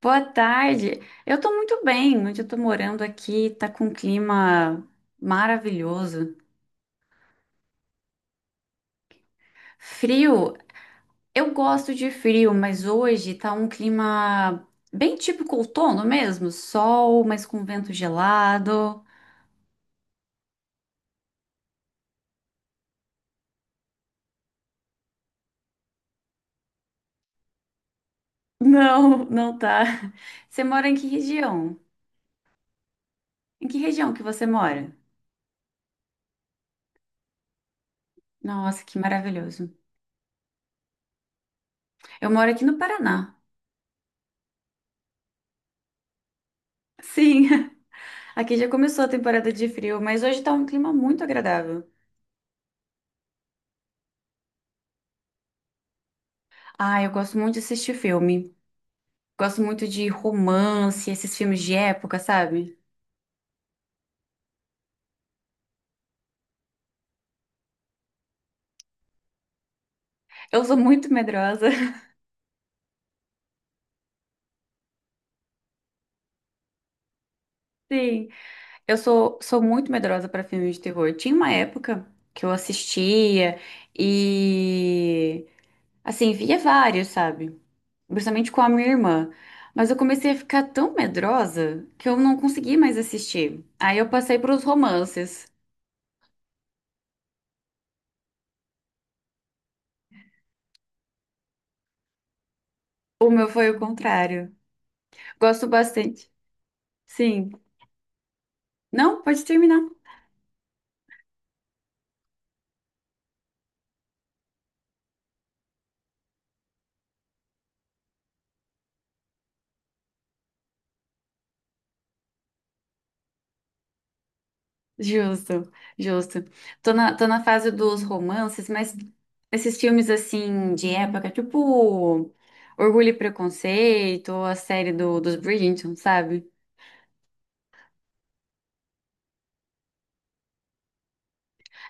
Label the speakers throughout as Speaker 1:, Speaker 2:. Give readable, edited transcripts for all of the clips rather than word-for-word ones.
Speaker 1: Boa tarde. Eu tô muito bem. Onde eu tô morando aqui tá com um clima maravilhoso. Frio, eu gosto de frio, mas hoje tá um clima bem típico outono mesmo, sol, mas com vento gelado. Não, não tá. Você mora em que região? Em que região que você mora? Nossa, que maravilhoso. Eu moro aqui no Paraná. Sim, aqui já começou a temporada de frio, mas hoje tá um clima muito agradável. Ah, eu gosto muito de assistir filme. Gosto muito de romance, esses filmes de época, sabe? Eu sou muito medrosa. Sim, eu sou muito medrosa pra filmes de terror. Tinha uma época que eu assistia e, assim, via vários, sabe? Principalmente com a minha irmã. Mas eu comecei a ficar tão medrosa que eu não consegui mais assistir. Aí eu passei pros romances. O meu foi o contrário. Gosto bastante. Sim. Não, pode terminar. Justo, justo. Tô na fase dos romances, mas esses filmes assim de época, tipo Orgulho e Preconceito, ou a série do, dos Bridgerton, sabe?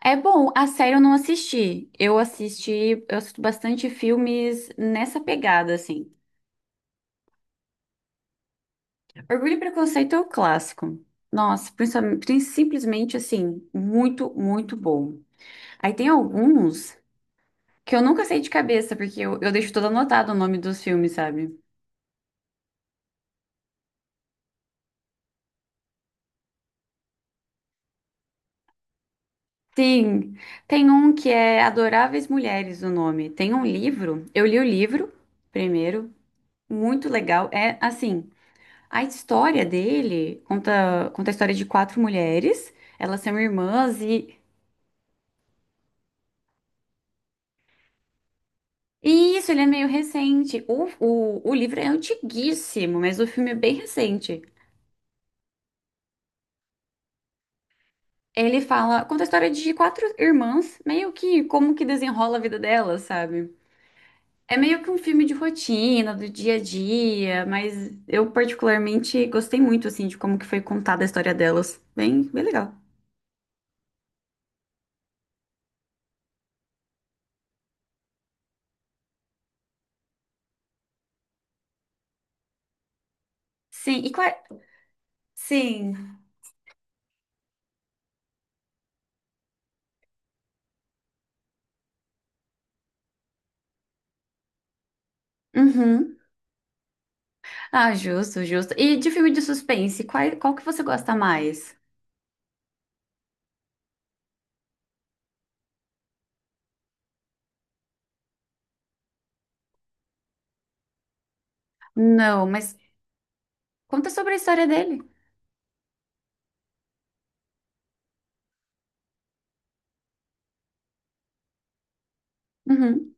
Speaker 1: É bom, a série eu não assisti. Eu assisti, eu assisto bastante filmes nessa pegada, assim. Orgulho e Preconceito é o clássico. Nossa, simplesmente assim, muito, muito bom. Aí tem alguns que eu nunca sei de cabeça, porque eu deixo todo anotado o nome dos filmes, sabe? Sim, tem um que é Adoráveis Mulheres, o nome. Tem um livro, eu li o livro primeiro, muito legal. É assim, a história dele conta a história de quatro mulheres, elas são irmãs e isso, ele é meio recente. O livro é antiguíssimo, mas o filme é bem recente. Ele fala, conta a história de quatro irmãs, meio que como que desenrola a vida delas, sabe? É meio que um filme de rotina, do dia a dia, mas eu particularmente gostei muito, assim, de como que foi contada a história delas. Bem, bem legal. Sim, e qual... sim. Uhum. Ah, justo, justo. E de filme de suspense, qual, qual que você gosta mais? Não, mas conta sobre a história dele. Uhum.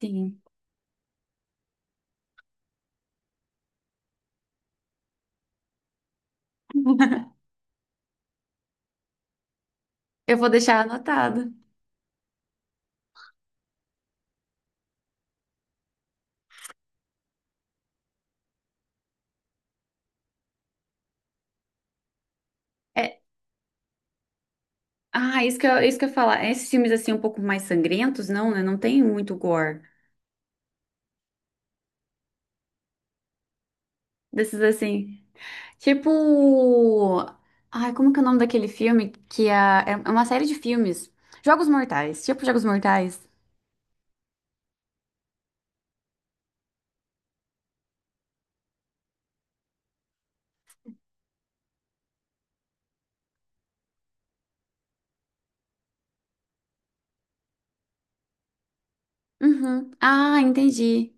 Speaker 1: Sim. Eu vou deixar anotado. É... Ah, isso que eu ia falar. Esses filmes, assim, um pouco mais sangrentos, não, né? Não tem muito gore. Desses, assim... Tipo. Ai, como que é o nome daquele filme? Que a... é uma série de filmes. Jogos Mortais. Tipo Jogos Mortais. Uhum. Ah, entendi.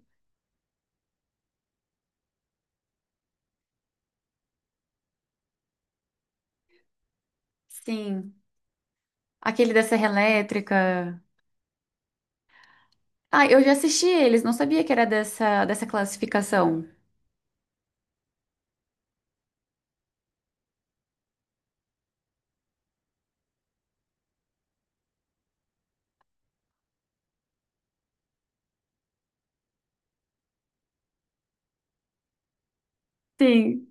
Speaker 1: Sim. Aquele da Serra Elétrica. Ah, eu já assisti eles, não sabia que era dessa, dessa classificação. Sim.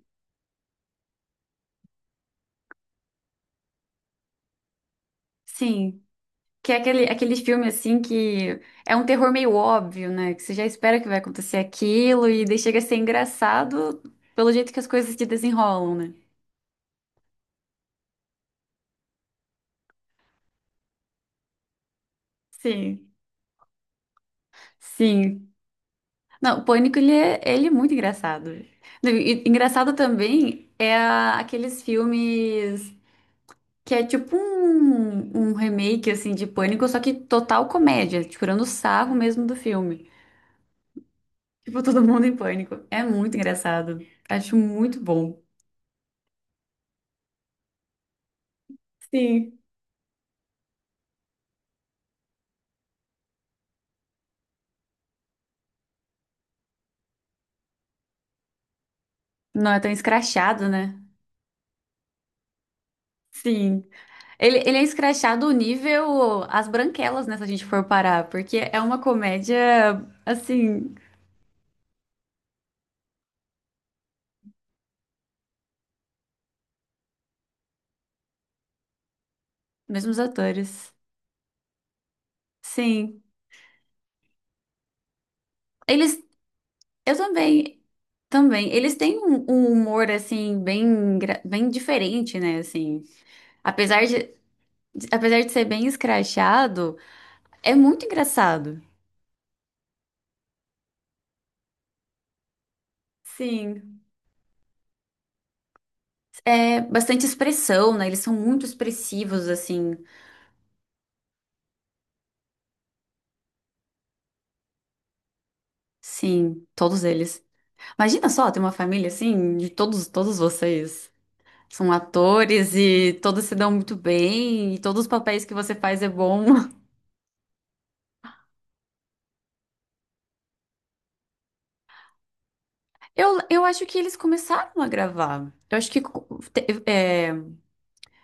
Speaker 1: Sim. Que é aquele, aquele filme assim que é um terror meio óbvio, né? Que você já espera que vai acontecer aquilo e daí chega a ser engraçado pelo jeito que as coisas se desenrolam, né? Sim. Sim. Não, o Pânico, ele é muito engraçado. Engraçado também é aqueles filmes que é tipo um, remake, assim, de Pânico, só que total comédia, tirando o sarro mesmo do filme. Tipo, todo mundo em pânico. É muito engraçado. Acho muito bom. Sim. Não é tão escrachado, né? Sim. Ele é escrachado nível As Branquelas, né, se a gente for parar, porque é uma comédia, assim, mesmos atores. Sim. Eles Eu também, também. Eles têm um, humor, assim, bem, bem diferente, né, assim. Apesar de, apesar de ser bem escrachado, é muito engraçado. Sim. É bastante expressão, né? Eles são muito expressivos, assim. Sim, todos eles. Imagina só, ter uma família, assim, de todos vocês. São atores e todos se dão muito bem, e todos os papéis que você faz é bom. Eu acho que eles começaram a gravar. É,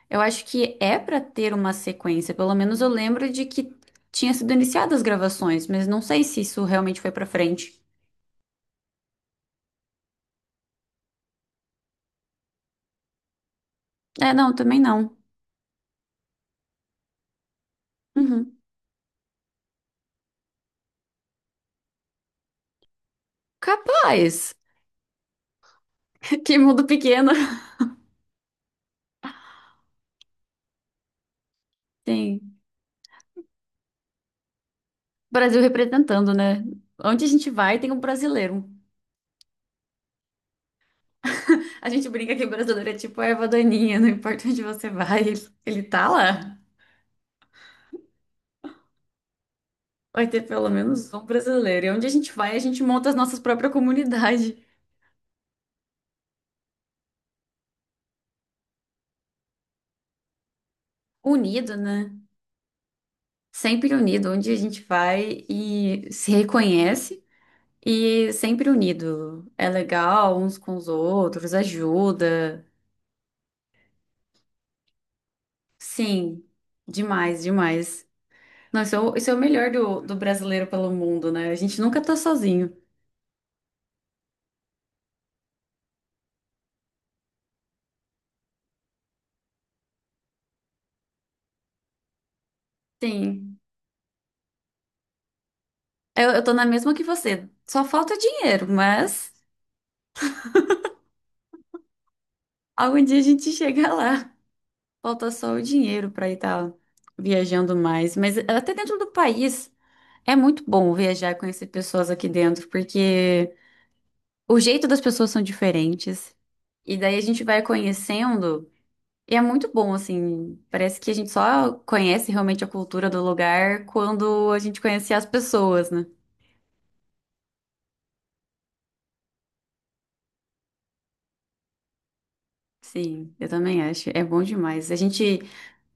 Speaker 1: Eu acho que é pra ter uma sequência. Pelo menos eu lembro de que tinha sido iniciadas as gravações, mas não sei se isso realmente foi pra frente. É, não, também não. Uhum. Capaz! Que mundo pequeno. Sim. Brasil representando, né? Onde a gente vai, tem um brasileiro. A gente brinca que o brasileiro é tipo a erva daninha, não importa onde você vai, ele tá lá. Vai ter pelo menos um brasileiro. E onde a gente vai, a gente monta as nossas próprias comunidades. Unido, né? Sempre unido, onde a gente vai e se reconhece e sempre unido. É legal uns com os outros, ajuda. Sim, demais, demais. Não, isso é o melhor do, do brasileiro pelo mundo, né? A gente nunca tá sozinho. Sim, eu tô na mesma que você. Só falta dinheiro, mas algum dia a gente chega lá. Falta só o dinheiro pra ir tá viajando mais. Mas até dentro do país. É muito bom viajar e conhecer pessoas aqui dentro, porque o jeito das pessoas são diferentes. E daí a gente vai conhecendo. E é muito bom, assim. Parece que a gente só conhece realmente a cultura do lugar quando a gente conhece as pessoas, né? Sim, eu também acho. É bom demais. A gente,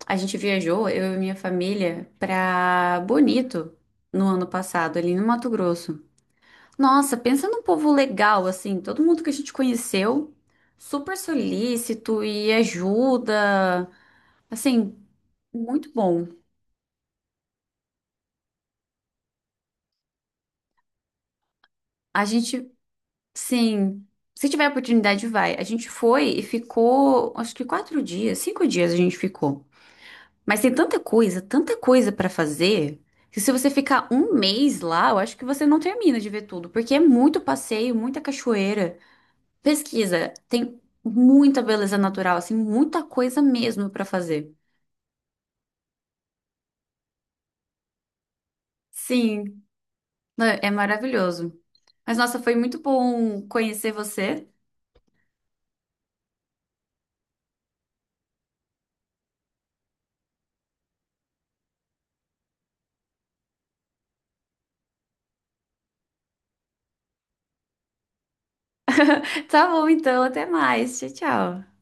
Speaker 1: a gente viajou, eu e minha família, pra Bonito no ano passado, ali no Mato Grosso. Nossa, pensa num povo legal, assim. Todo mundo que a gente conheceu, super solícito e ajuda. Assim, muito bom. A gente, sim, se tiver oportunidade, vai. A gente foi e ficou, acho que 4 dias, 5 dias a gente ficou. Mas tem tanta coisa pra fazer, que se você ficar um mês lá, eu acho que você não termina de ver tudo, porque é muito passeio, muita cachoeira. Pesquisa, tem muita beleza natural, assim, muita coisa mesmo pra fazer. Sim, não, é maravilhoso. Mas nossa, foi muito bom conhecer você. Tá bom, então, até mais. Tchau, tchau.